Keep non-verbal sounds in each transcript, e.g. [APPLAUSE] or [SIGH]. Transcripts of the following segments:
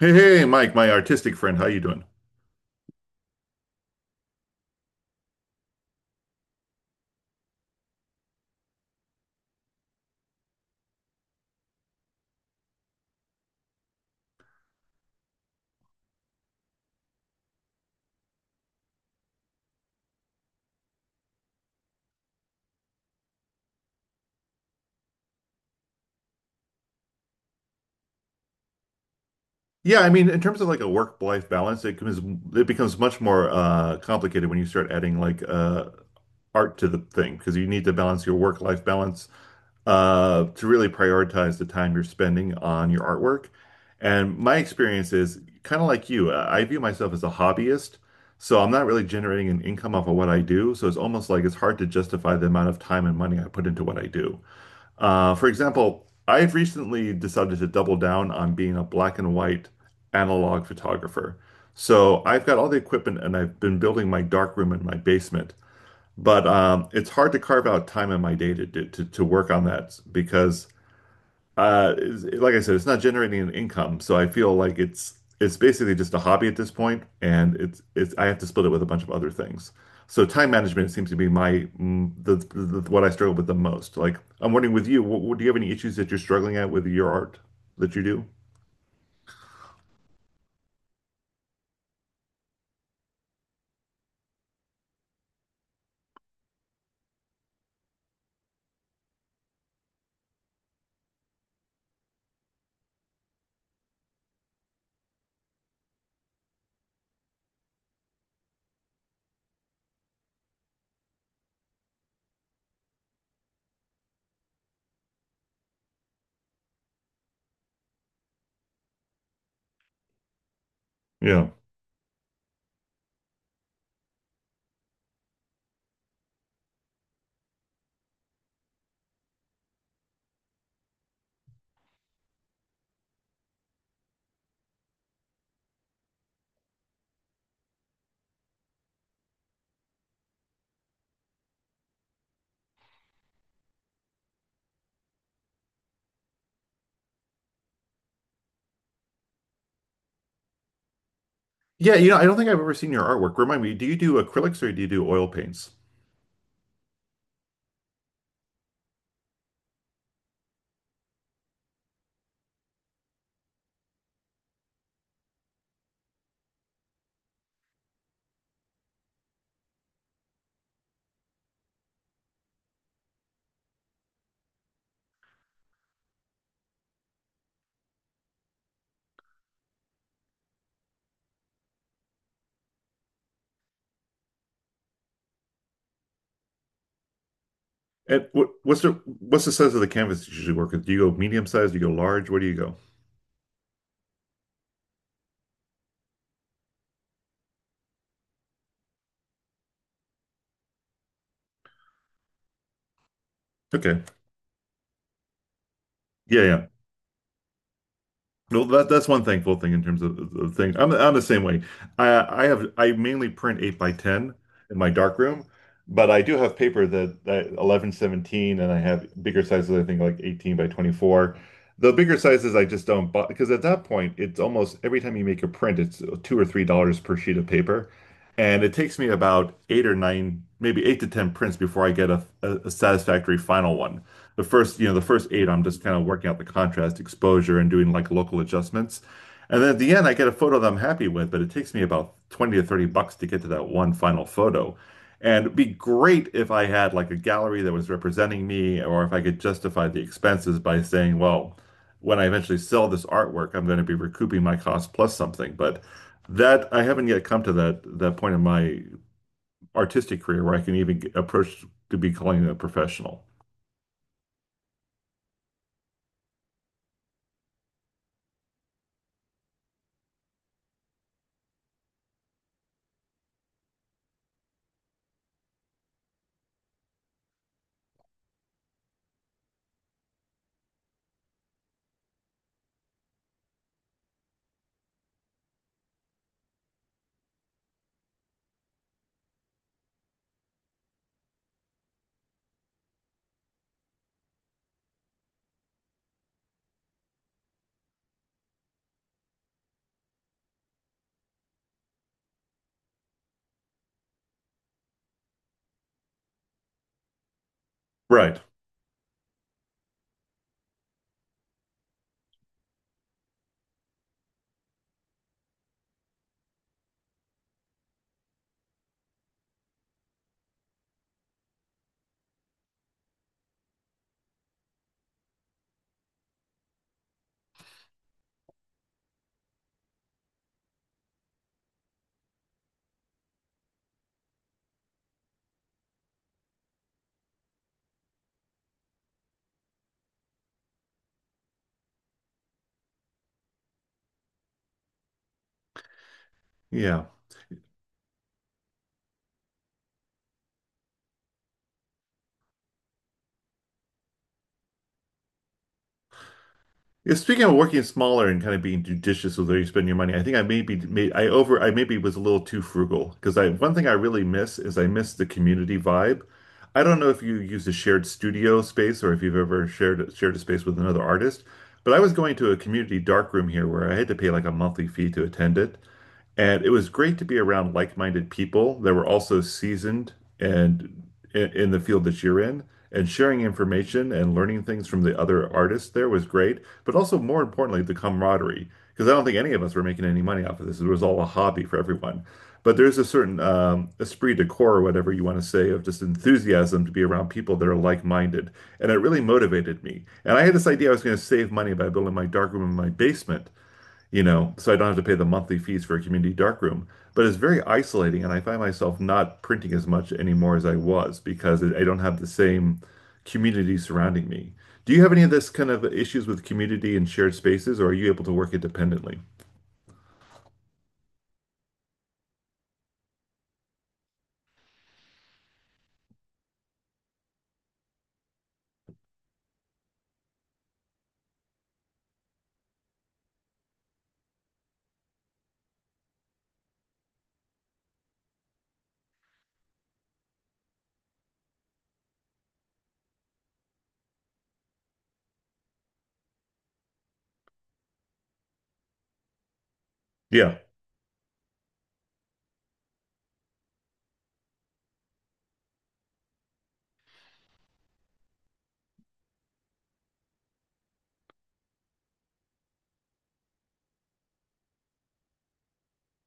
Hey, hey, Mike, my artistic friend, how you doing? Yeah, I mean, in terms of like a work-life balance, it becomes much more complicated when you start adding like art to the thing because you need to balance your work-life balance to really prioritize the time you're spending on your artwork. And my experience is kind of like you. I view myself as a hobbyist, so I'm not really generating an income off of what I do. So it's almost like it's hard to justify the amount of time and money I put into what I do. For example, I've recently decided to double down on being a black and white analog photographer. So I've got all the equipment and I've been building my darkroom in my basement. But it's hard to carve out time in my day to, to work on that because like I said, it's not generating an income, so I feel like it's basically just a hobby at this point, and it's I have to split it with a bunch of other things. So time management seems to be my what I struggle with the most. Like I'm wondering with you, do you have any issues that you're struggling at with your art that you do? Yeah. Yeah, you know, I don't think I've ever seen your artwork. Remind me, do you do acrylics or do you do oil paints? And what's the what's the size of the canvas you usually work with? Do you go medium size? Do you go large? Where do you go? Okay. Yeah, yeah. Well, that that's one thankful thing in terms of things. I'm the same way. I have I mainly print 8x10 in my darkroom, but I do have paper that, that 11x17, and I have bigger sizes. I think like 18 by 24. The bigger sizes I just don't buy because at that point it's almost every time you make a print it's $2 or $3 per sheet of paper, and it takes me about eight or nine, maybe eight to ten prints before I get a, satisfactory final one the first, you know, the first eight, I'm just kind of working out the contrast, exposure, and doing like local adjustments. And then at the end, I get a photo that I'm happy with, but it takes me about 20 to 30 bucks to get to that one final photo. And it'd be great if I had like a gallery that was representing me, or if I could justify the expenses by saying, well, when I eventually sell this artwork, I'm going to be recouping my cost plus something. But that I haven't yet come to that point in my artistic career where I can even approach to be calling it a professional. Right. Yeah. Yeah, speaking of working smaller and kind of being judicious with where you spend your money, I think I maybe was a little too frugal because I one thing I really miss is I miss the community vibe. I don't know if you use a shared studio space or if you've ever shared a space with another artist, but I was going to a community dark room here where I had to pay like a monthly fee to attend it. And it was great to be around like-minded people that were also seasoned and in the field that you're in. And sharing information and learning things from the other artists there was great, but also more importantly, the camaraderie. Because I don't think any of us were making any money off of this. It was all a hobby for everyone. But there's a certain esprit de corps, or whatever you want to say, of just enthusiasm to be around people that are like-minded. And it really motivated me. And I had this idea I was going to save money by building my darkroom in my basement, you know, so I don't have to pay the monthly fees for a community darkroom. But it's very isolating, and I find myself not printing as much anymore as I was because I don't have the same community surrounding me. Do you have any of this kind of issues with community and shared spaces, or are you able to work independently? Yeah,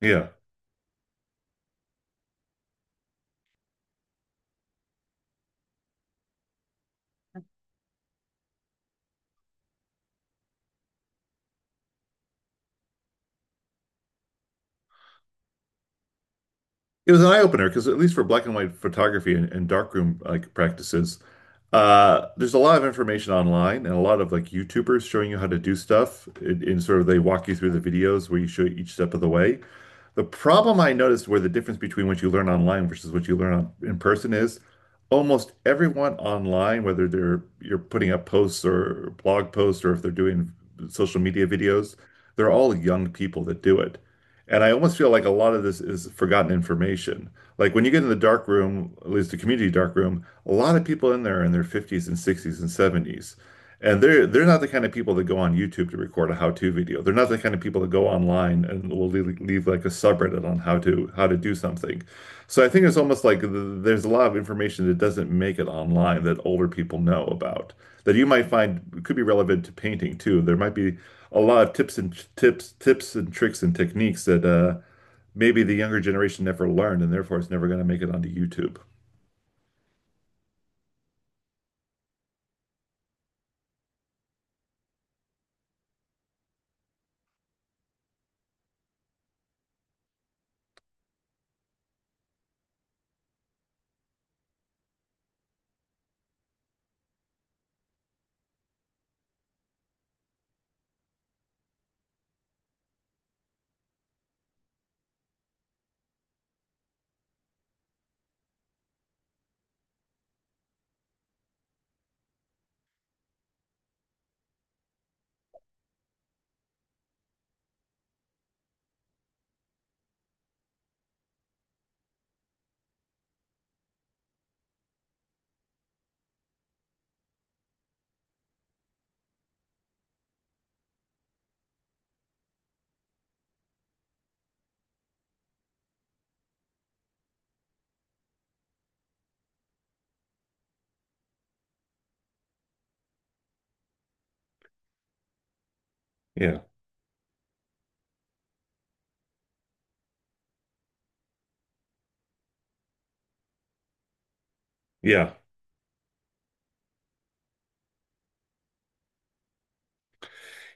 yeah. It was an eye opener because at least for black and white photography and darkroom like practices, there's a lot of information online and a lot of like YouTubers showing you how to do stuff. In and sort of they walk you through the videos where you show each step of the way. The problem I noticed where the difference between what you learn online versus what you learn in person is almost everyone online, whether they're you're putting up posts or blog posts or if they're doing social media videos, they're all young people that do it. And I almost feel like a lot of this is forgotten information. Like when you get in the dark room, at least the community dark room, a lot of people in there are in their 50s and 60s and 70s. And they're not the kind of people that go on YouTube to record a how-to video. They're not the kind of people that go online and will leave like a subreddit on how to do something. So I think it's almost like th there's a lot of information that doesn't make it online that older people know about that you might find could be relevant to painting too. There might be a lot of tips and tips and tricks and techniques that maybe the younger generation never learned, and therefore it's never going to make it onto YouTube. Yeah, yeah.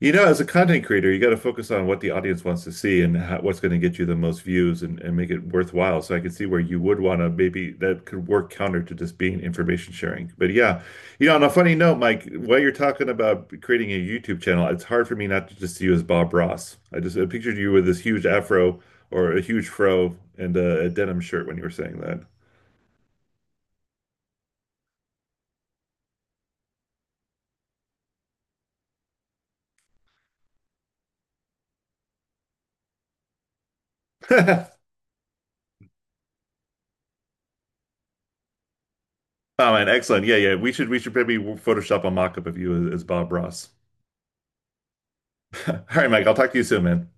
You know, as a content creator, you got to focus on what the audience wants to see and how, what's going to get you the most views and make it worthwhile. So I can see where you would want to maybe that could work counter to just being information sharing. But yeah, you know, on a funny note, Mike, while you're talking about creating a YouTube channel, it's hard for me not to just see you as Bob Ross. I just I pictured you with this huge afro or a huge fro and a denim shirt when you were saying that. [LAUGHS] Oh man, excellent. Yeah, yeah. We should maybe Photoshop a mock-up of you as Bob Ross. [LAUGHS] All right, Mike, I'll talk to you soon, man.